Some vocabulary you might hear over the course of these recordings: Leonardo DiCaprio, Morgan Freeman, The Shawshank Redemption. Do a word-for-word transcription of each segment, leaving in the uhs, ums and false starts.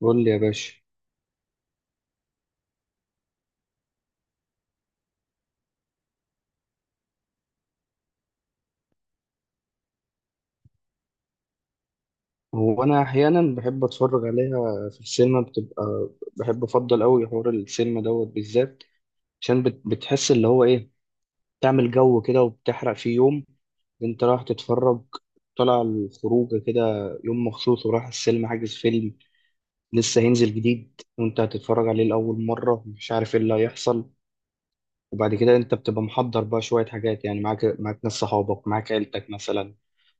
قول لي يا باشا. هو انا احيانا بحب اتفرج عليها في السينما، بتبقى بحب افضل قوي حوار السينما دوت بالذات، عشان بت- بتحس اللي هو ايه. تعمل جو كده وبتحرق فيه يوم انت رايح تتفرج، طالع الخروج كده، يوم مخصوص ورايح السينما حاجز فيلم لسه هينزل جديد، وانت هتتفرج عليه لاول مره، مش عارف ايه اللي هيحصل. وبعد كده انت بتبقى محضر بقى شوية حاجات، يعني معاك معاك ناس صحابك، معاك عيلتك مثلا،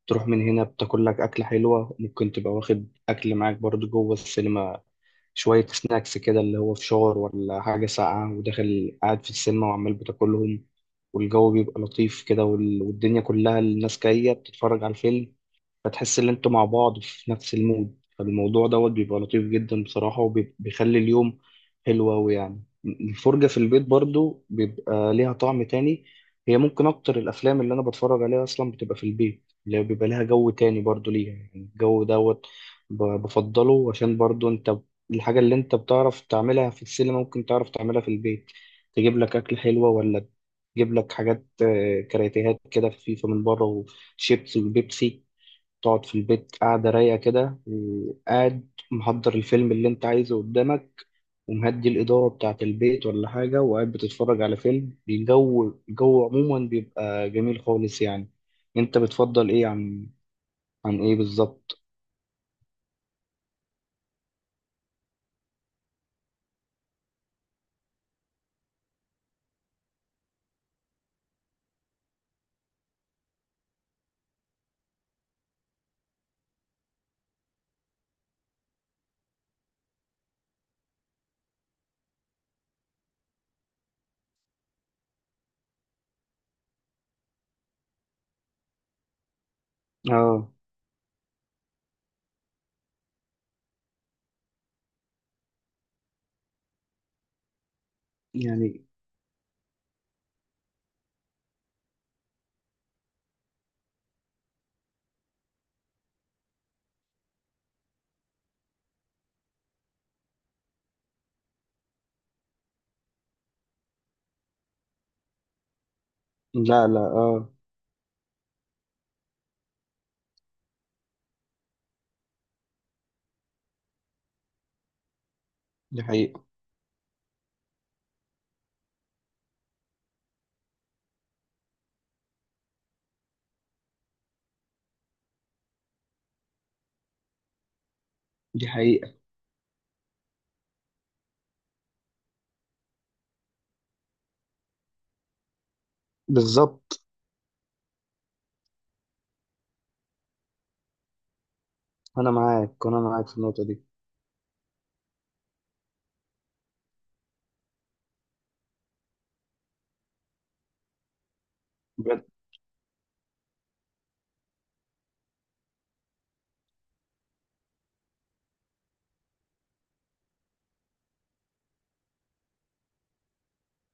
تروح من هنا بتاكل لك أكلة حلوة، ممكن تبقى واخد أكل معاك برضو جوه السينما، شوية سناكس كده اللي هو فشار ولا حاجة ساقعة، وداخل قاعد في السينما وعمال بتاكلهم، والجو بيبقى لطيف كده، وال- والدنيا كلها الناس جاية بتتفرج على الفيلم، فتحس ان انتوا مع بعض في نفس المود. فالموضوع دوت بيبقى لطيف جدا بصراحة، وبيخلي اليوم حلو أوي. يعني الفرجة في البيت برضو بيبقى ليها طعم تاني. هي ممكن أكتر الأفلام اللي أنا بتفرج عليها أصلا بتبقى في البيت، اللي هي بيبقى لها جو تاني برضو ليها، يعني الجو دوت ب- بفضله، عشان برضو أنت ب- الحاجة اللي أنت بتعرف تعملها في السينما ممكن تعرف تعملها في البيت. تجيب لك أكل حلوة، ولا تجيب لك حاجات، آه، كراتيهات كده خفيفة من بره، وشيبس وبيبسي، تقعد في البيت قاعدة رايقة كده، م- قاعد محضر الفيلم اللي انت عايزه قدامك، ومهدي الإضاءة بتاعة البيت ولا حاجة، وقاعد بتتفرج على فيلم. الجو الجو عموما بيبقى جميل خالص يعني. انت بتفضل ايه عن عن ايه بالظبط؟ اه. يعني. لا لا، اه دي حقيقة. دي حقيقة. بالظبط. انا معاك، انا معاك في النقطة دي. بجد؟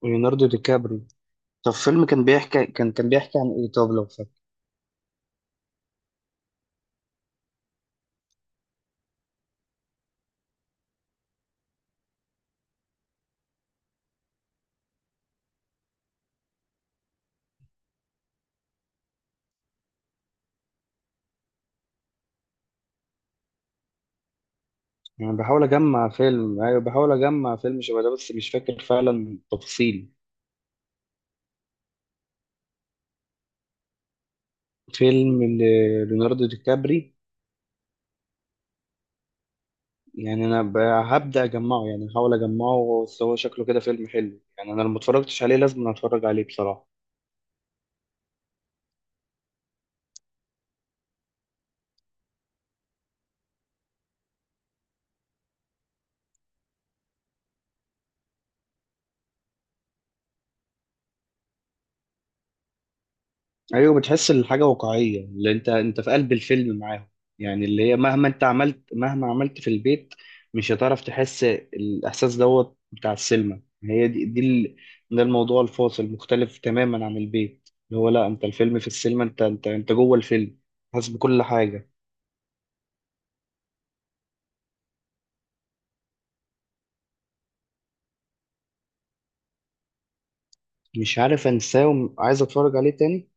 ليوناردو دي كابري. طب فيلم كان بيحكي، كان كان بيحكي عن ايه؟ طب لو فاكر. أنا بحاول أجمع فيلم، أيوة بحاول أجمع فيلم شبه ده، بس مش فاكر فعلا تفاصيل. فيلم ل- ليوناردو دي كابري. يعني أنا ب- هبدأ أجمعه، يعني هحاول أجمعه، بس هو شكله كده فيلم حلو يعني. أنا لو متفرجتش عليه لازم أتفرج عليه بصراحة. ايوه، بتحس الحاجه واقعيه، اللي انت انت في قلب الفيلم معاهم، يعني اللي هي مهما انت عملت، مهما عملت في البيت مش هتعرف تحس الاحساس دوت بتاع السينما. هي دي دي ال- ده الموضوع الفاصل، مختلف تماما عن البيت، اللي هو لا انت الفيلم في السينما، انت انت انت جوه الفيلم، حاسس بكل حاجه. مش عارف انساه وعايز اتفرج عليه تاني.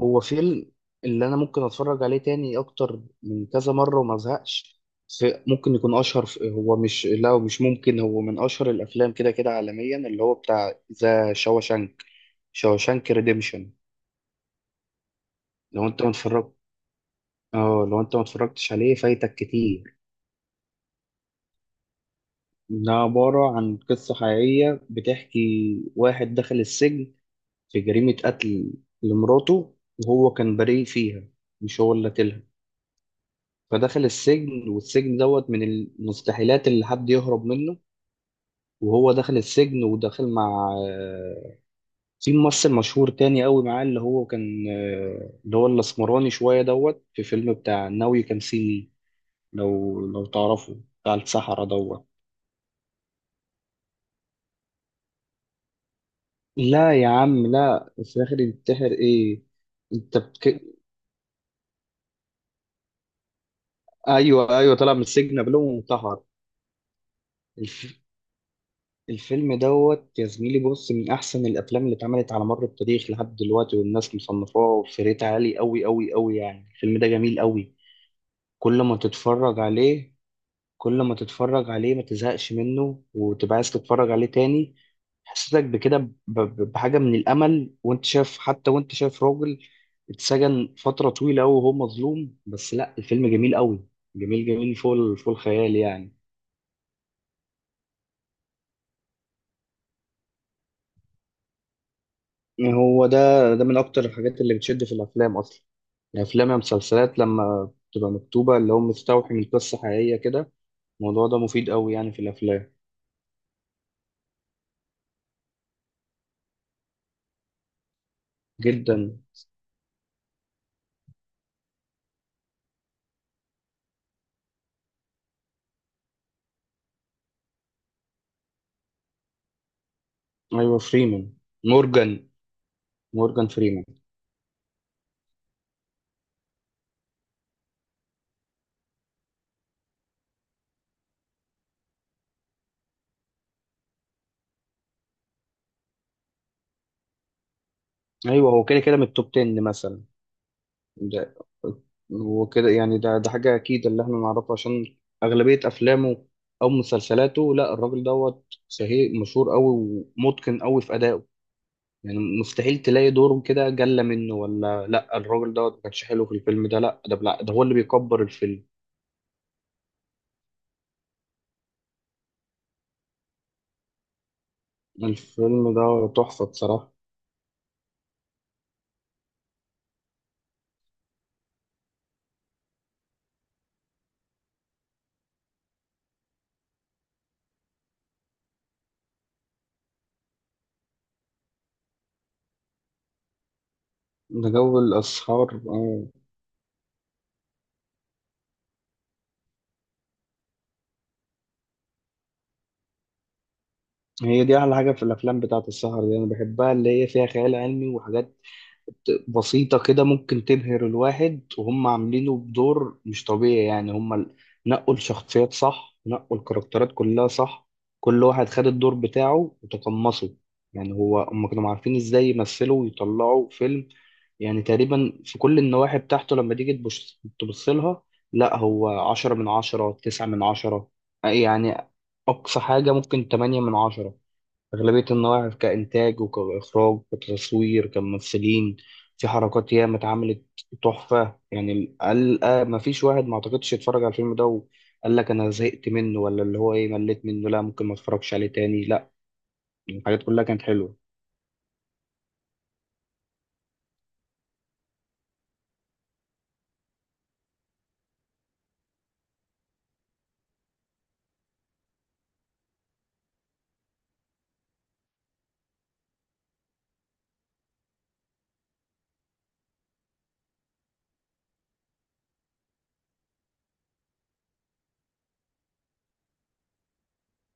هو فيلم اللي انا ممكن اتفرج عليه تاني اكتر من كذا مره وما ازهقش. في- ممكن يكون اشهر، في- هو مش لا هو مش ممكن، هو من اشهر الافلام كده كده عالميا، اللي هو بتاع ذا شاوشانك، شاوشانك ريديمشن. لو انت ما اتفرجت، اه لو انت ما اتفرجتش عليه فايتك كتير. ده عباره عن قصه حقيقيه، بتحكي واحد دخل السجن في جريمه قتل لمراته، وهو كان بريء فيها، مش هو اللي قتلها. فدخل السجن، والسجن دوت من المستحيلات اللي حد يهرب منه. وهو دخل السجن ودخل مع آه، في ممثل مشهور تاني قوي معاه، اللي هو كان، آه، اللي هو الاسمراني شوية دوت في فيلم بتاع ناو يو كان سي مي. لو لو تعرفه، بتاع السحرة دوت. لا يا عم، لا، في الآخر ينتحر ايه؟ انت بك... ايوه ايوه، طلع من السجن قبلهم وانتحر. الفيلم دوت يا زميلي، بص، من أحسن الأفلام اللي اتعملت على مر التاريخ لحد دلوقتي، والناس مصنفاه في ريت عالي أوي أوي أوي، يعني الفيلم ده جميل أوي. كل ما تتفرج عليه، كل ما تتفرج عليه ما تزهقش منه، وتبقى عايز تتفرج عليه تاني. حسيتك بكده ب- ب- بحاجة من الأمل، وأنت شايف، حتى وأنت شايف راجل اتسجن فترة طويلة أوي وهو مظلوم، بس لأ الفيلم جميل أوي، جميل جميل فوق ال- فوق الخيال يعني. هو ده ده من اكتر الحاجات اللي بتشد في الافلام اصلا. الافلام يا مسلسلات لما بتبقى مكتوبه اللي هو مستوحي من قصه حقيقيه كده، الموضوع ده مفيد قوي يعني في الافلام. جدا. ايوه فريمان. مورجان، مورجان فريمان. ايوه، هو كده كده من التوب عشرة مثلا. ده هو كده يعني، ده ده حاجه اكيد اللي احنا نعرفه، عشان اغلبيه افلامه او مسلسلاته، لا الراجل دوت شهير مشهور قوي، ومتقن قوي في ادائه. يعني مستحيل تلاقي دوره كده جلة منه، ولا لا الراجل دوت ما كانش حلو في الفيلم ده، لا ده بلا، ده هو اللي بيكبر الفيلم. الفيلم ده تحفة بصراحة. ده جو الأسهار، آه. هي دي أحلى حاجة في الأفلام بتاعة السهر دي، أنا بحبها، اللي هي فيها خيال علمي وحاجات بسيطة كده ممكن تبهر الواحد، وهم عاملينه بدور مش طبيعي يعني. هم ال- نقوا الشخصيات صح، نقوا الكاركترات كلها صح، كل واحد خد الدور بتاعه وتقمصه. يعني هو، هم كانوا عارفين ازاي يمثلوا ويطلعوا فيلم، يعني تقريبا في كل النواحي بتاعته. لما تيجي تبص، تبص لها، لا هو عشرة من عشرة، تسعة من عشرة يعني، أقصى حاجة ممكن تمانية من عشرة. أغلبية النواحي كإنتاج وكإخراج كتصوير كممثلين، في حركات ياما اتعملت، تحفة يعني. قال آه، ما فيش واحد ما أعتقدش يتفرج على الفيلم ده وقال لك أنا زهقت منه، ولا اللي هو إيه، مليت منه، لا ممكن ما أتفرجش عليه تاني، لا الحاجات كلها كانت حلوة.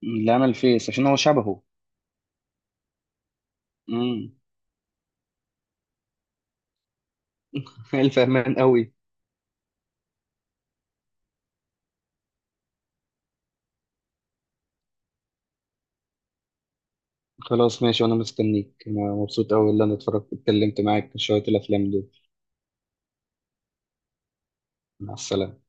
لا أنا الفيس عشان هو شبهه. امم. الفهمان قوي. خلاص ماشي، وأنا مستنيك، أنا مبسوط أوي اللي أنا اتفرجت اتكلمت معاك في شوية الأفلام دول. مع السلامة.